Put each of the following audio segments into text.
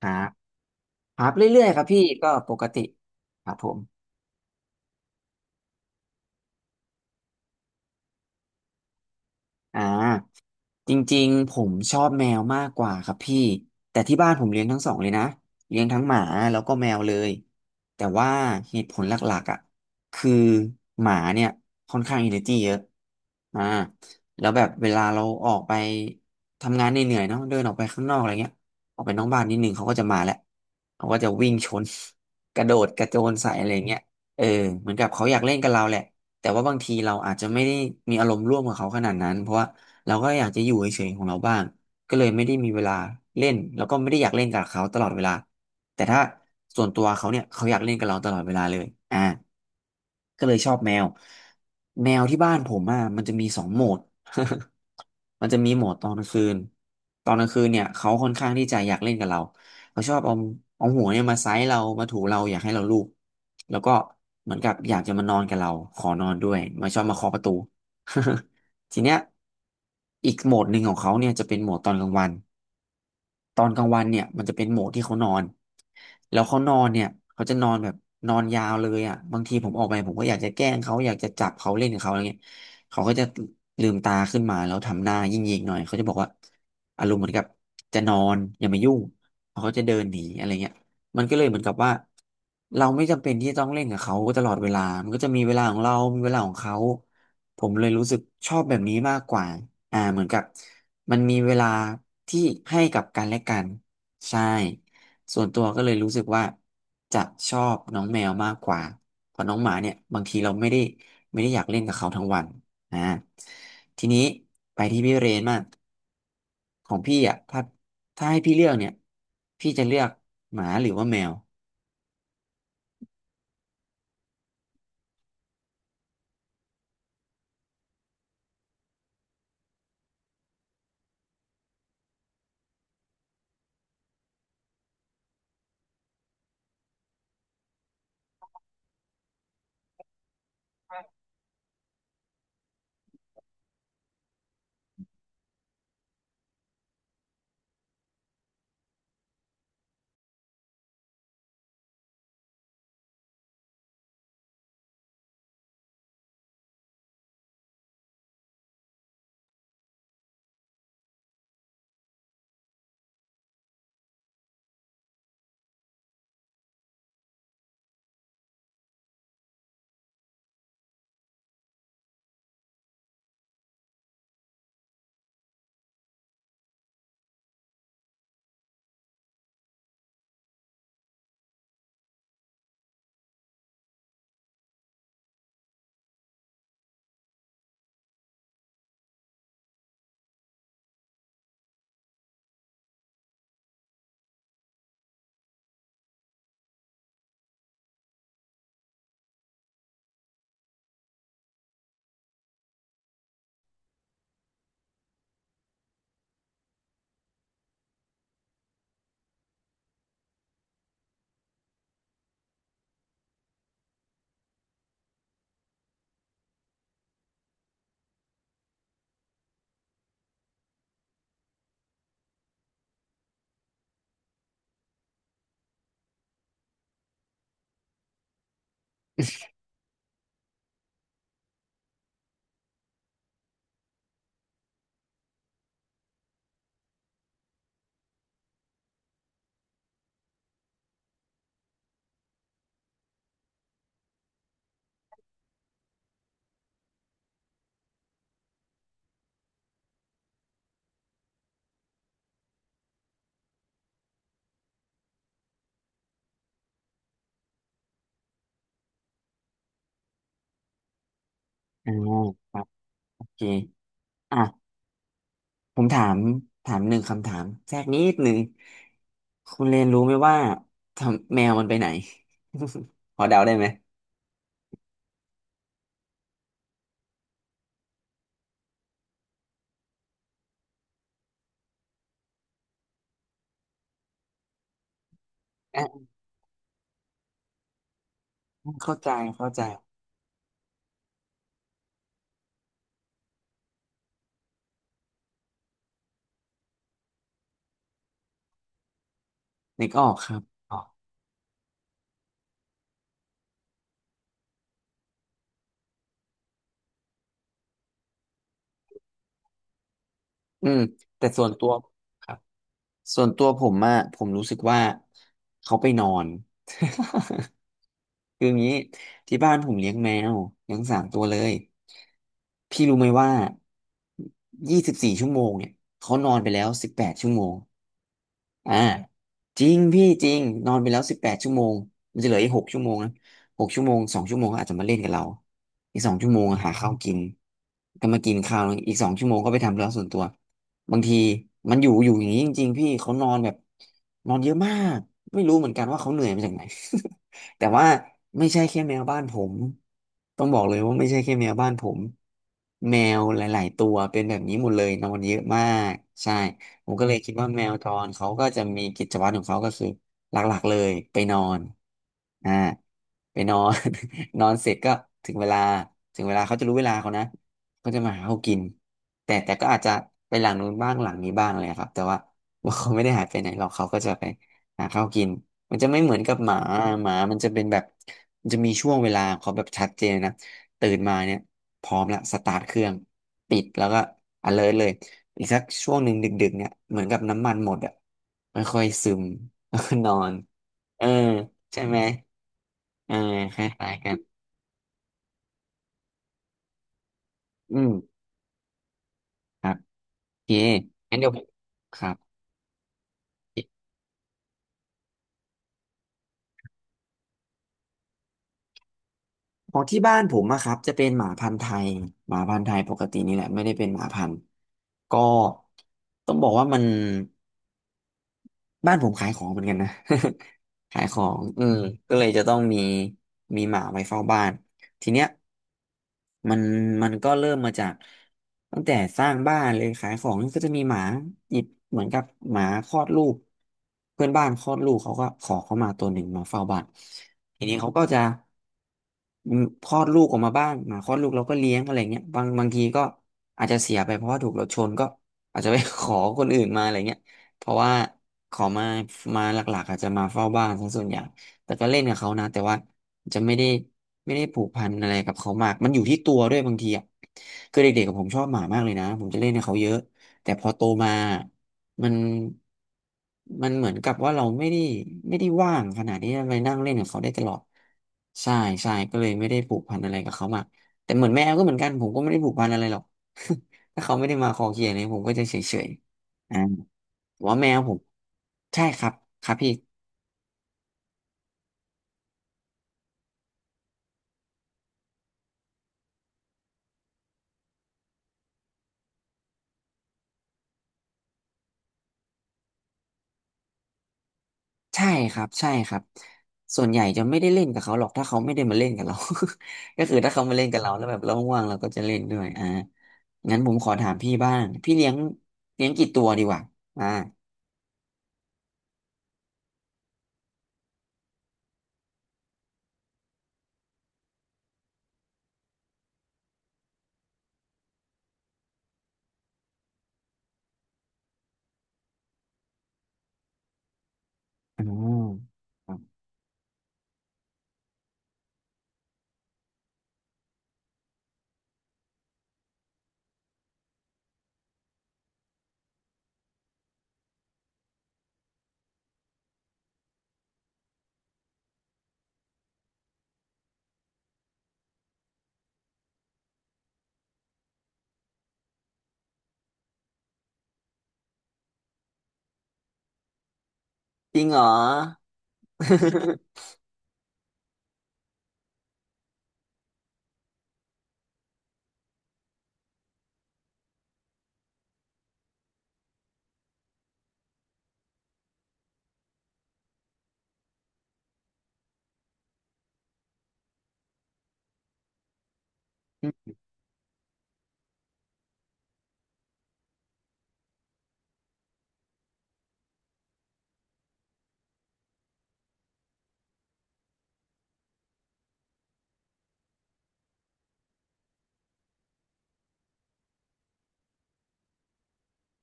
ครับครับเรื่อยๆ ครับพี่ ก็ปกติครับผม อ่าจริงๆผมชอบแมวมากกว่าครับพี่แต่ที่บ้านผมเลี้ยงทั้งสองเลยนะเลี้ยงทั้งหมาแล้วก็แมวเลยแต่ว่าเหตุผลหลักๆอ่ะคือหมาเนี่ยค่อนข้างอินเ r อร์เยอะอ่าแล้วแบบเวลาเราออกไปทำงานเหนื่อยๆเนาะเดินออกไปข้างนอกอะไรเงี้ยออกไปนอกบ้านนิดนึงเขาก็จะมาแหละเขาก็จะวิ่งชน กระโดดกระโจนใส่อะไรเงี้ยเออเหมือนกับเขาอยากเล่นกับเราแหละ แต่ว่าบางทีเราอาจจะไม่ได้มีอารมณ์ร่วมกับเขาขนาดนั้นเพราะว่าเราก็อยากจะอยู่เฉยๆของเราบ้างก็เลยไม่ได้มีเวลาเล่นแล้วก็ไม่ได้อยากเล่นกับเขาตลอดเวลาแต่ถ้าส่วนตัวเขาเนี่ยเขาอยากเล่นกับเราตลอดเวลาเลยอ่าก็เลยชอบแมวแมวที่บ้านผมอ่ะมันจะมีสองโหมด มันจะมีโหมดตอนกลางคืนตอนกลางคืนเนี่ยเขาค่อนข้างที่จะอยากเล่นกับเราเขาชอบเอาเอาหัวเนี่ยมาไซส์เรามาถูเราอยากให้เราลูบแล้วก็เหมือนกับอยากจะมานอนกับเราขอนอนด้วยมาชอบมาเคาะประตู ทีเนี้ยอีกโหมดหนึ่งของเขาเนี่ยจะเป็นโหมดตอนกลางวัน ตอนกลางวันเนี่ยมันจะเป็นโหมดที่เขานอนแล้วเขานอนเนี่ยเขาจะนอนแบบนอนยาวเลยอ่ะบางทีผมออกไปผมก็อยากจะแกล้งเขาอยากจะจับเขาเล่นกับเขาอะไรเงี้ยเขาก็จะลืมตาขึ้นมาแล้วทำหน้ายิ่งๆหน่อยเขาจะบอกว่าอารมณ์เหมือนกับจะนอนอย่ามายุ่งเขาก็จะเดินหนีอะไรเงี้ยมันก็เลยเหมือนกับว่าเราไม่จำเป็นที่จะต้องเล่นกับเขาตลอดเวลามันก็จะมีเวลาของเรามีเวลาของเขาผมเลยรู้สึกชอบแบบนี้มากกว่าเหมือนกับ มันมีเวลาที่ให้กับกันและกันใช่ส่วนตัวก็เลยรู้สึกว่าจะชอบน้องแมวมากกว่าเพราะน้องหมาเนี่ยบางทีเราไม่ได้อยากเล่นกับเขาทั้งวันนะทีนี้ไปที่พี่เรนมากของพี่อ่ะถ้าให้พี่เลือกเนี่ยพี่จะเลือกหมาหรือว่าแมวอ่าครับโอเค ผมถามหนึ่งคำถามแทรกนิดหนึ่งคุณเรนรู้ไหมว่าทำแมวมันไปไหน พอเดาได้ไหมอ่ะเข้าใจเข้าใจนึกออกครับออกอืมแต่ส่วนตัวครับส่วนตัวผมอะผมรู้สึกว่าเขาไปนอน คืออย่างนี้ที่บ้านผมเลี้ยงแมวเลี้ยงสามตัวเลยพี่รู้ไหมว่า24 ชั่วโมงเนี่ยเขานอนไปแล้วสิบแปดชั่วโมง อ่าจริงพี่จริงนอนไปแล้วสิบแปดชั่วโมงมันจะเหลืออีกหกชั่วโมงนะหกชั่วโมงสองชั่วโมงเขาอาจจะมาเล่นกับเราอีกสองชั่วโมงอะหาข้าวกินก็มากินข้าวอีกสองชั่วโมงก็ไปทำเรื่องส่วนตัวบางทีมันอยู่อย่างนี้จริงๆพี่เขานอนแบบนอนเยอะมากไม่รู้เหมือนกันว่าเขาเหนื่อยมาจากไหน แต่ว่าไม่ใช่แค่แมวบ้านผมต้องบอกเลยว่าไม่ใช่แค่แมวบ้านผมแมวหลายๆตัวเป็นแบบนี้หมดเลยนอนเยอะมากใช่ ผมก็เลยคิดว่าแมวจรเขาก็จะมีกิจวัตรของเขาก็คือหลักๆเลยไปนอนอ่าไปนอน นอนเสร็จก็ถึงเวลา ถึงเวลาเขาจะรู้เวลาเขานะเขาจะมาหาเขากิน แต่ก็อาจจะไปหลังนู้นบ้างหลังนี้บ้างเลยครับแต่ว่า ว่าเขาไม่ได้หายไปไหนหรอกเขาก็จะไปหาข้าวกิน มันจะไม่เหมือนกับหมาหมามันจะเป็นแบบมันจะมีช่วงเวลาของเขาแบบชัดเจนนะตื่นมาเนี่ยพร้อมละสตาร์ทเครื่องปิดแล้วก็ alert เลย อีกสักช่วงหนึ่งดึกๆเนี่ยเหมือนกับน้ำมันหมดอ่ะมันค่อยซึม แล้วก็นอนเออใช่ไหมเออคล้ายๆกันอืมครับโอเคงั้นเดี๋ยวผมครับของที่บ้านผมอะครับจะเป็นหมาพันธุ์ไทยหมาพันธุ์ไทยปกตินี่แหละไม่ได้เป็นหมาพันธุ์ก็ต้องบอกว่าบ้านผมขายของเหมือนกันนะ ขายของก็เลยจะต้องมีมีหมาไว้เฝ้าบ้านทีเนี้ย มันมันก็เริ่มมาจากตั้งแต่สร้างบ้านเลยขายของก็จะมีหมาหยิบเหมือนกับหมาคลอดลูกเพื่อนบ้านคลอดลูกเขาก็ขอเข้ามาตัวหนึ่งมาเฝ้าบ้านทีนี้เขาก็จะคลอดลูกออกมาบ้างหมาคลอดลูกเราก็เลี้ยงอะไรเงี้ยบางทีก็อาจจะเสียไปเพราะว่าถูกรถชนก็อาจจะไป ขอคนอื่นมาอะไรเงี้ยเพราะว่าขอมามาหลักๆอาจจะมาเฝ้าบ้านซะส่วนใหญ่ แต่ก็เล่นกับเขานะแต่ว่าจะไม่ได้ผูกพันอะไรกับเขามากมันอยู่ที่ตัวด้วยบางทีอ่ะคือเด็กๆกับผมชอบหมามากเลยนะผมจะเล่นกับเขาเยอะแต่พอโตมามันมันเหมือนกับว่าเราไม่ได้ว่างขนาดที่จะไปนั่งเล่นกับเขาได้ตลอดใช่ใช่ก็เลยไม่ได้ผูกพันอะไรกับเขามากแต่เหมือนแมวก็เหมือนกันผมก็ไม่ได้ผูกพันอะไรหรอก ถ้าเขาไม่ได้มาคอเคลียร์เลยผมก็จะเฉยๆอ่าแต่ว่าแมวผมใช่ครับครับพี่ ใช่ครับใช่ครับส่วนใหญ่จะไม่ได้เล่นกับเขาหรอกถ้าเขาไม่ได้มาเล่นกับเรา ก็คือถ้าเขามาเล่นกับเราแล้วแบบเราว่างๆเราก็จะเล่นด้วยอ่างั้นผมขอถามพี่บ้างพี่เลี้ยงกี่ตัวดีกว่าอ่าอ๋อครับจริงเหรอ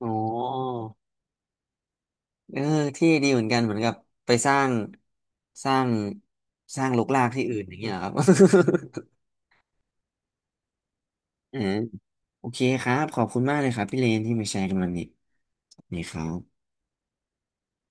โอ้เออเที่ดีเหมือนกันเหมือนกับไปสร้างสร้างสร้างรกรากที่อื่นอย่างเงี้ยเหรอครับ อืมโอเคครับขอบคุณมากเลยครับพี่เลนที่มาแชร์กันวันนี้นี่ครับ